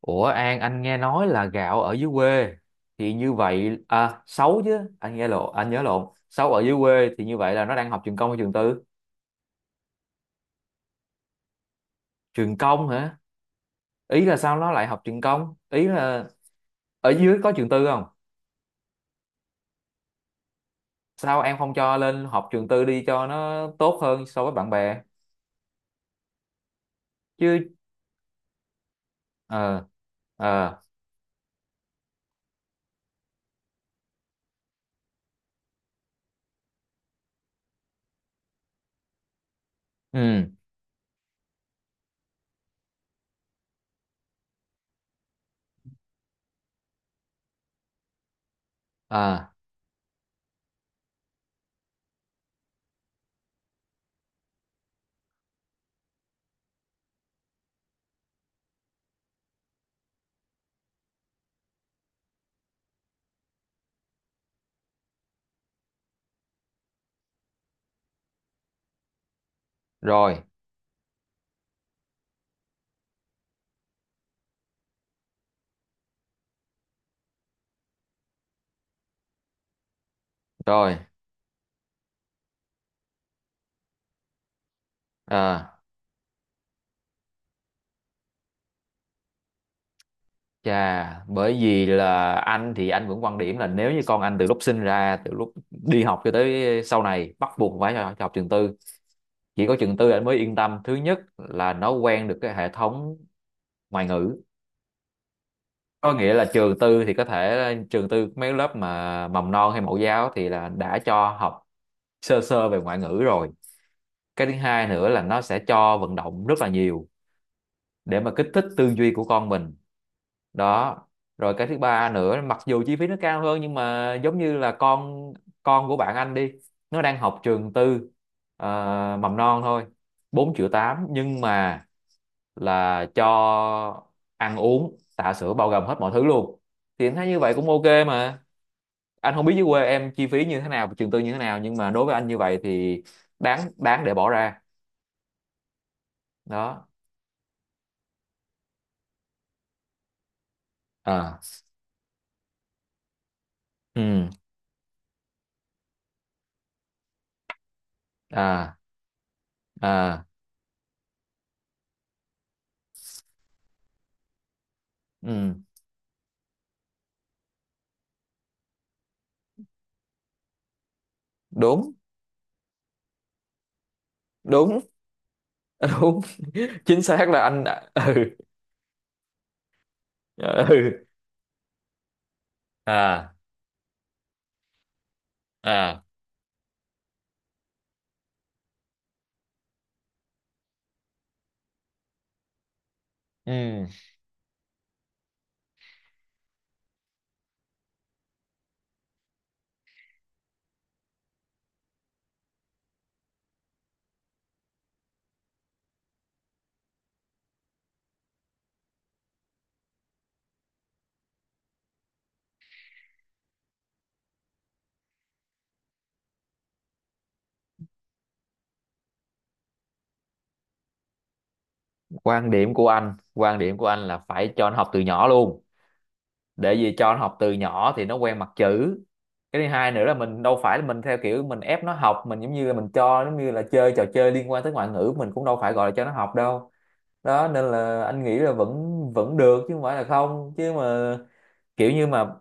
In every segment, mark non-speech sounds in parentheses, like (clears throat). Ủa An, anh nghe nói là gạo ở dưới quê thì như vậy à? Xấu? Chứ anh nghe lộn, anh nhớ lộn. Xấu. Ở dưới quê thì như vậy là nó đang học trường công hay trường tư? Trường công hả? Ý là sao nó lại học trường công, ý là ở dưới có trường tư không? Sao em không cho lên học trường tư đi cho nó tốt hơn so với bạn bè? Chứ. Ờ. Ờ. Ừ. Ờ. Rồi. Rồi. Ờ. Chà, bởi vì là anh thì anh vẫn quan điểm là nếu như con anh từ lúc sinh ra, từ lúc đi học cho tới sau này bắt buộc phải cho học trường tư. Chỉ có trường tư anh mới yên tâm. Thứ nhất là nó quen được cái hệ thống ngoại ngữ. Có nghĩa là trường tư thì có thể trường tư mấy lớp mà mầm non hay mẫu giáo thì là đã cho học sơ sơ về ngoại ngữ rồi. Cái thứ hai nữa là nó sẽ cho vận động rất là nhiều để mà kích thích tư duy của con mình. Đó, rồi cái thứ ba nữa mặc dù chi phí nó cao hơn nhưng mà giống như là con của bạn anh đi, nó đang học trường tư, ờ, mầm non thôi, 4 triệu tám, nhưng mà là cho ăn uống tã sữa bao gồm hết mọi thứ luôn. Thì anh thấy như vậy cũng ok mà. Anh không biết dưới quê em chi phí như thế nào, trường tư như thế nào, nhưng mà đối với anh như vậy thì đáng, đáng để bỏ ra. Đó. À. Ừ. À. À. Ừ. Đúng. Đúng. Đúng. (laughs) Chính xác là (laughs) ừ. Ừ. À. À. Ừ. Quan điểm của anh là phải cho nó học từ nhỏ luôn. Để vì cho nó học từ nhỏ thì nó quen mặt chữ. Cái thứ hai nữa là mình đâu phải là mình theo kiểu mình ép nó học, mình giống như là mình cho giống như là chơi trò chơi liên quan tới ngoại ngữ, mình cũng đâu phải gọi là cho nó học đâu. Đó nên là anh nghĩ là vẫn vẫn được chứ không phải là không chứ mà kiểu như mà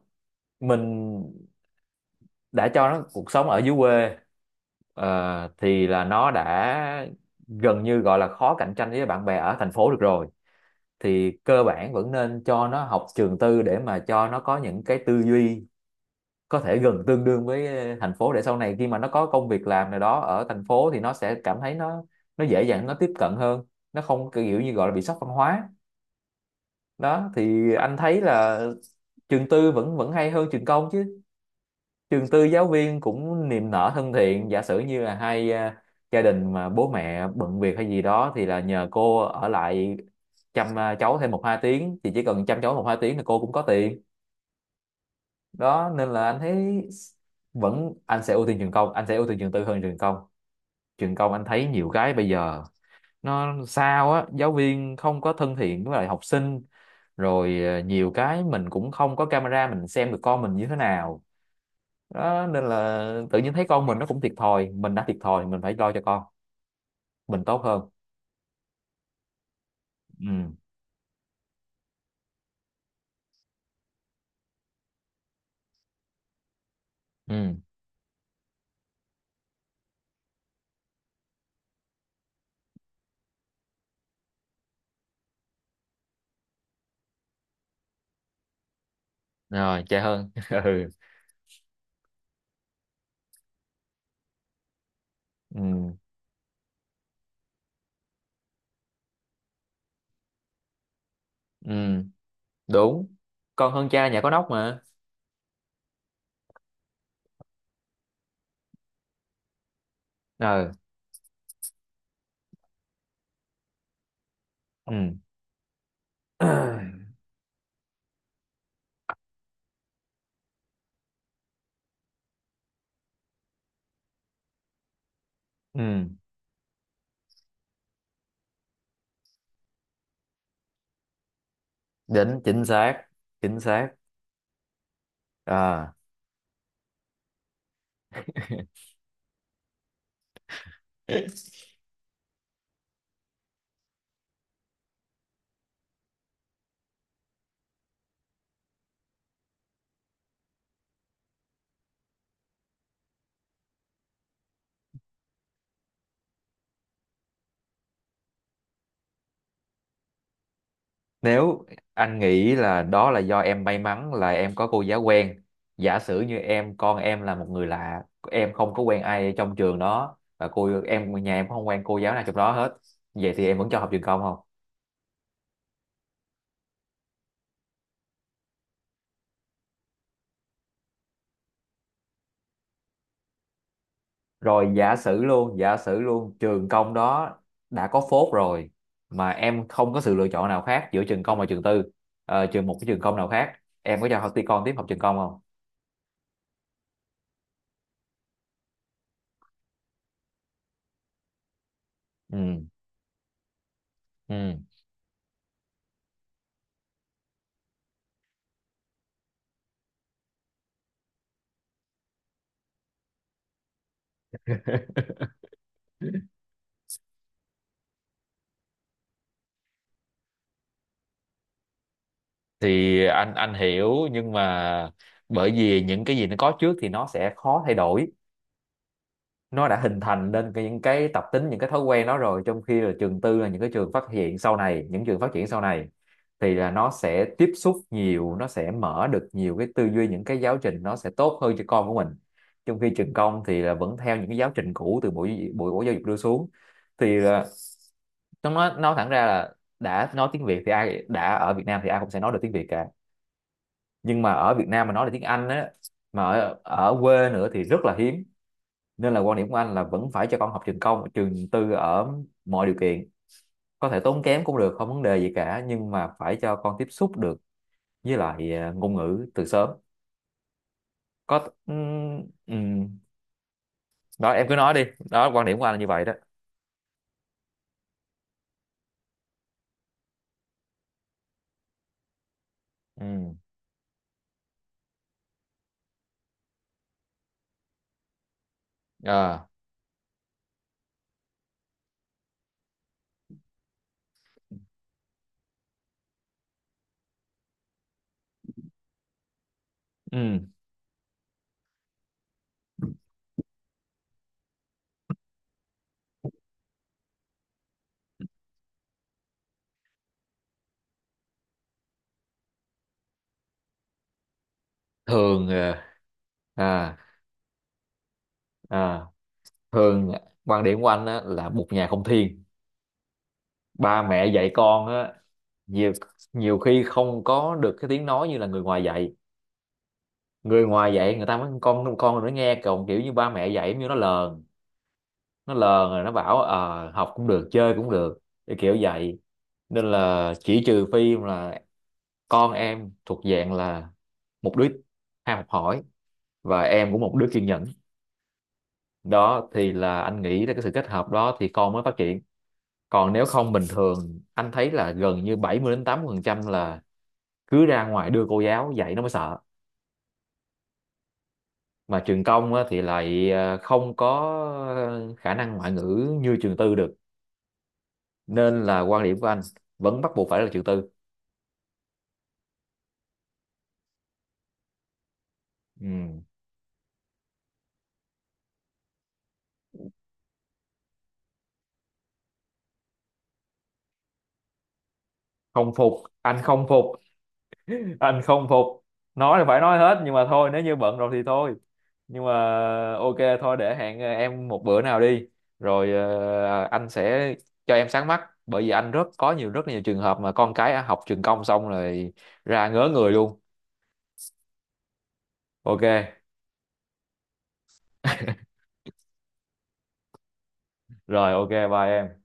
mình đã cho nó cuộc sống ở dưới quê, ờ, thì là nó đã gần như gọi là khó cạnh tranh với bạn bè ở thành phố được rồi. Thì cơ bản vẫn nên cho nó học trường tư để mà cho nó có những cái tư duy có thể gần tương đương với thành phố, để sau này khi mà nó có công việc làm nào đó ở thành phố thì nó sẽ cảm thấy nó dễ dàng nó tiếp cận hơn, nó không kiểu như gọi là bị sốc văn hóa. Đó thì anh thấy là trường tư vẫn vẫn hay hơn trường công chứ. Trường tư giáo viên cũng niềm nở thân thiện, giả sử như là hai gia đình mà bố mẹ bận việc hay gì đó thì là nhờ cô ở lại chăm cháu thêm một hai tiếng, thì chỉ cần chăm cháu một hai tiếng là cô cũng có tiền. Đó nên là anh thấy vẫn, anh sẽ ưu tiên trường tư hơn trường công. Trường công anh thấy nhiều cái bây giờ nó sao á, giáo viên không có thân thiện với lại học sinh, rồi nhiều cái mình cũng không có camera mình xem được con mình như thế nào. Đó nên là tự nhiên thấy con mình nó cũng thiệt thòi, mình đã thiệt thòi mình phải lo cho con mình tốt hơn. Ừ. Ừ. Rồi cha hơn. (laughs) Ừ. Ừ. Ừ. Đúng. Con hơn cha nhà có nóc mà. Ừ. Ừ. (clears throat) Ừ. Đỉnh, chính xác. Chính xác. À. (laughs) Nếu anh nghĩ là đó là do em may mắn là em có cô giáo quen, giả sử như em con em là một người lạ, em không có quen ai trong trường đó và cô em nhà em không quen cô giáo nào trong đó hết. Vậy thì em vẫn cho học trường công không? Rồi giả sử luôn trường công đó đã có phốt rồi mà em không có sự lựa chọn nào khác giữa trường công và trường tư, trường một cái trường công nào khác, em có cho học con tiếp học trường công không? Ừ. Ừ. (laughs) Thì anh hiểu nhưng mà bởi vì những cái gì nó có trước thì nó sẽ khó thay đổi, nó đã hình thành nên những cái tập tính những cái thói quen đó rồi, trong khi là trường tư là những cái trường phát hiện sau này, những trường phát triển sau này thì là nó sẽ tiếp xúc nhiều, nó sẽ mở được nhiều cái tư duy, những cái giáo trình nó sẽ tốt hơn cho con của mình. Trong khi trường công thì là vẫn theo những cái giáo trình cũ từ bộ bộ, bộ giáo dục đưa xuống, thì là nó nói thẳng ra là đã nói tiếng Việt thì ai đã ở Việt Nam thì ai cũng sẽ nói được tiếng Việt cả, nhưng mà ở Việt Nam mà nói là tiếng Anh á, mà ở quê nữa thì rất là hiếm. Nên là quan điểm của anh là vẫn phải cho con học trường công trường tư ở mọi điều kiện, có thể tốn kém cũng được không vấn đề gì cả, nhưng mà phải cho con tiếp xúc được với lại ngôn ngữ từ sớm. Có ừm. Đó em cứ nói đi. Đó quan điểm của anh là như vậy đó. Ừm, à, ừm. Thường à, à, à, thường quan điểm của anh á, là một nhà không thiên ba mẹ dạy con á, nhiều, nhiều khi không có được cái tiếng nói như là người ngoài dạy. Người ngoài dạy người ta mới con nó nghe còn kiểu như ba mẹ dạy giống như nó lờn, nó lờn rồi nó bảo học cũng được chơi cũng được, cái kiểu vậy. Nên là chỉ trừ phi là con em thuộc dạng là một đứa ham học hỏi và em cũng một đứa kiên nhẫn, đó thì là anh nghĩ là cái sự kết hợp đó thì con mới phát triển. Còn nếu không bình thường anh thấy là gần như 70 đến 80 phần trăm là cứ ra ngoài đưa cô giáo dạy nó mới sợ. Mà trường công á, thì lại không có khả năng ngoại ngữ như trường tư được. Nên là quan điểm của anh vẫn bắt buộc phải là trường tư. Ừ. Không phục, anh không phục, anh không phục. Nói là phải nói hết nhưng mà thôi nếu như bận rồi thì thôi. Nhưng mà ok thôi để hẹn em một bữa nào đi, rồi anh sẽ cho em sáng mắt, bởi vì anh rất nhiều trường hợp mà con cái học trường công xong rồi ra ngớ người luôn. Ok. Rồi ok bye em.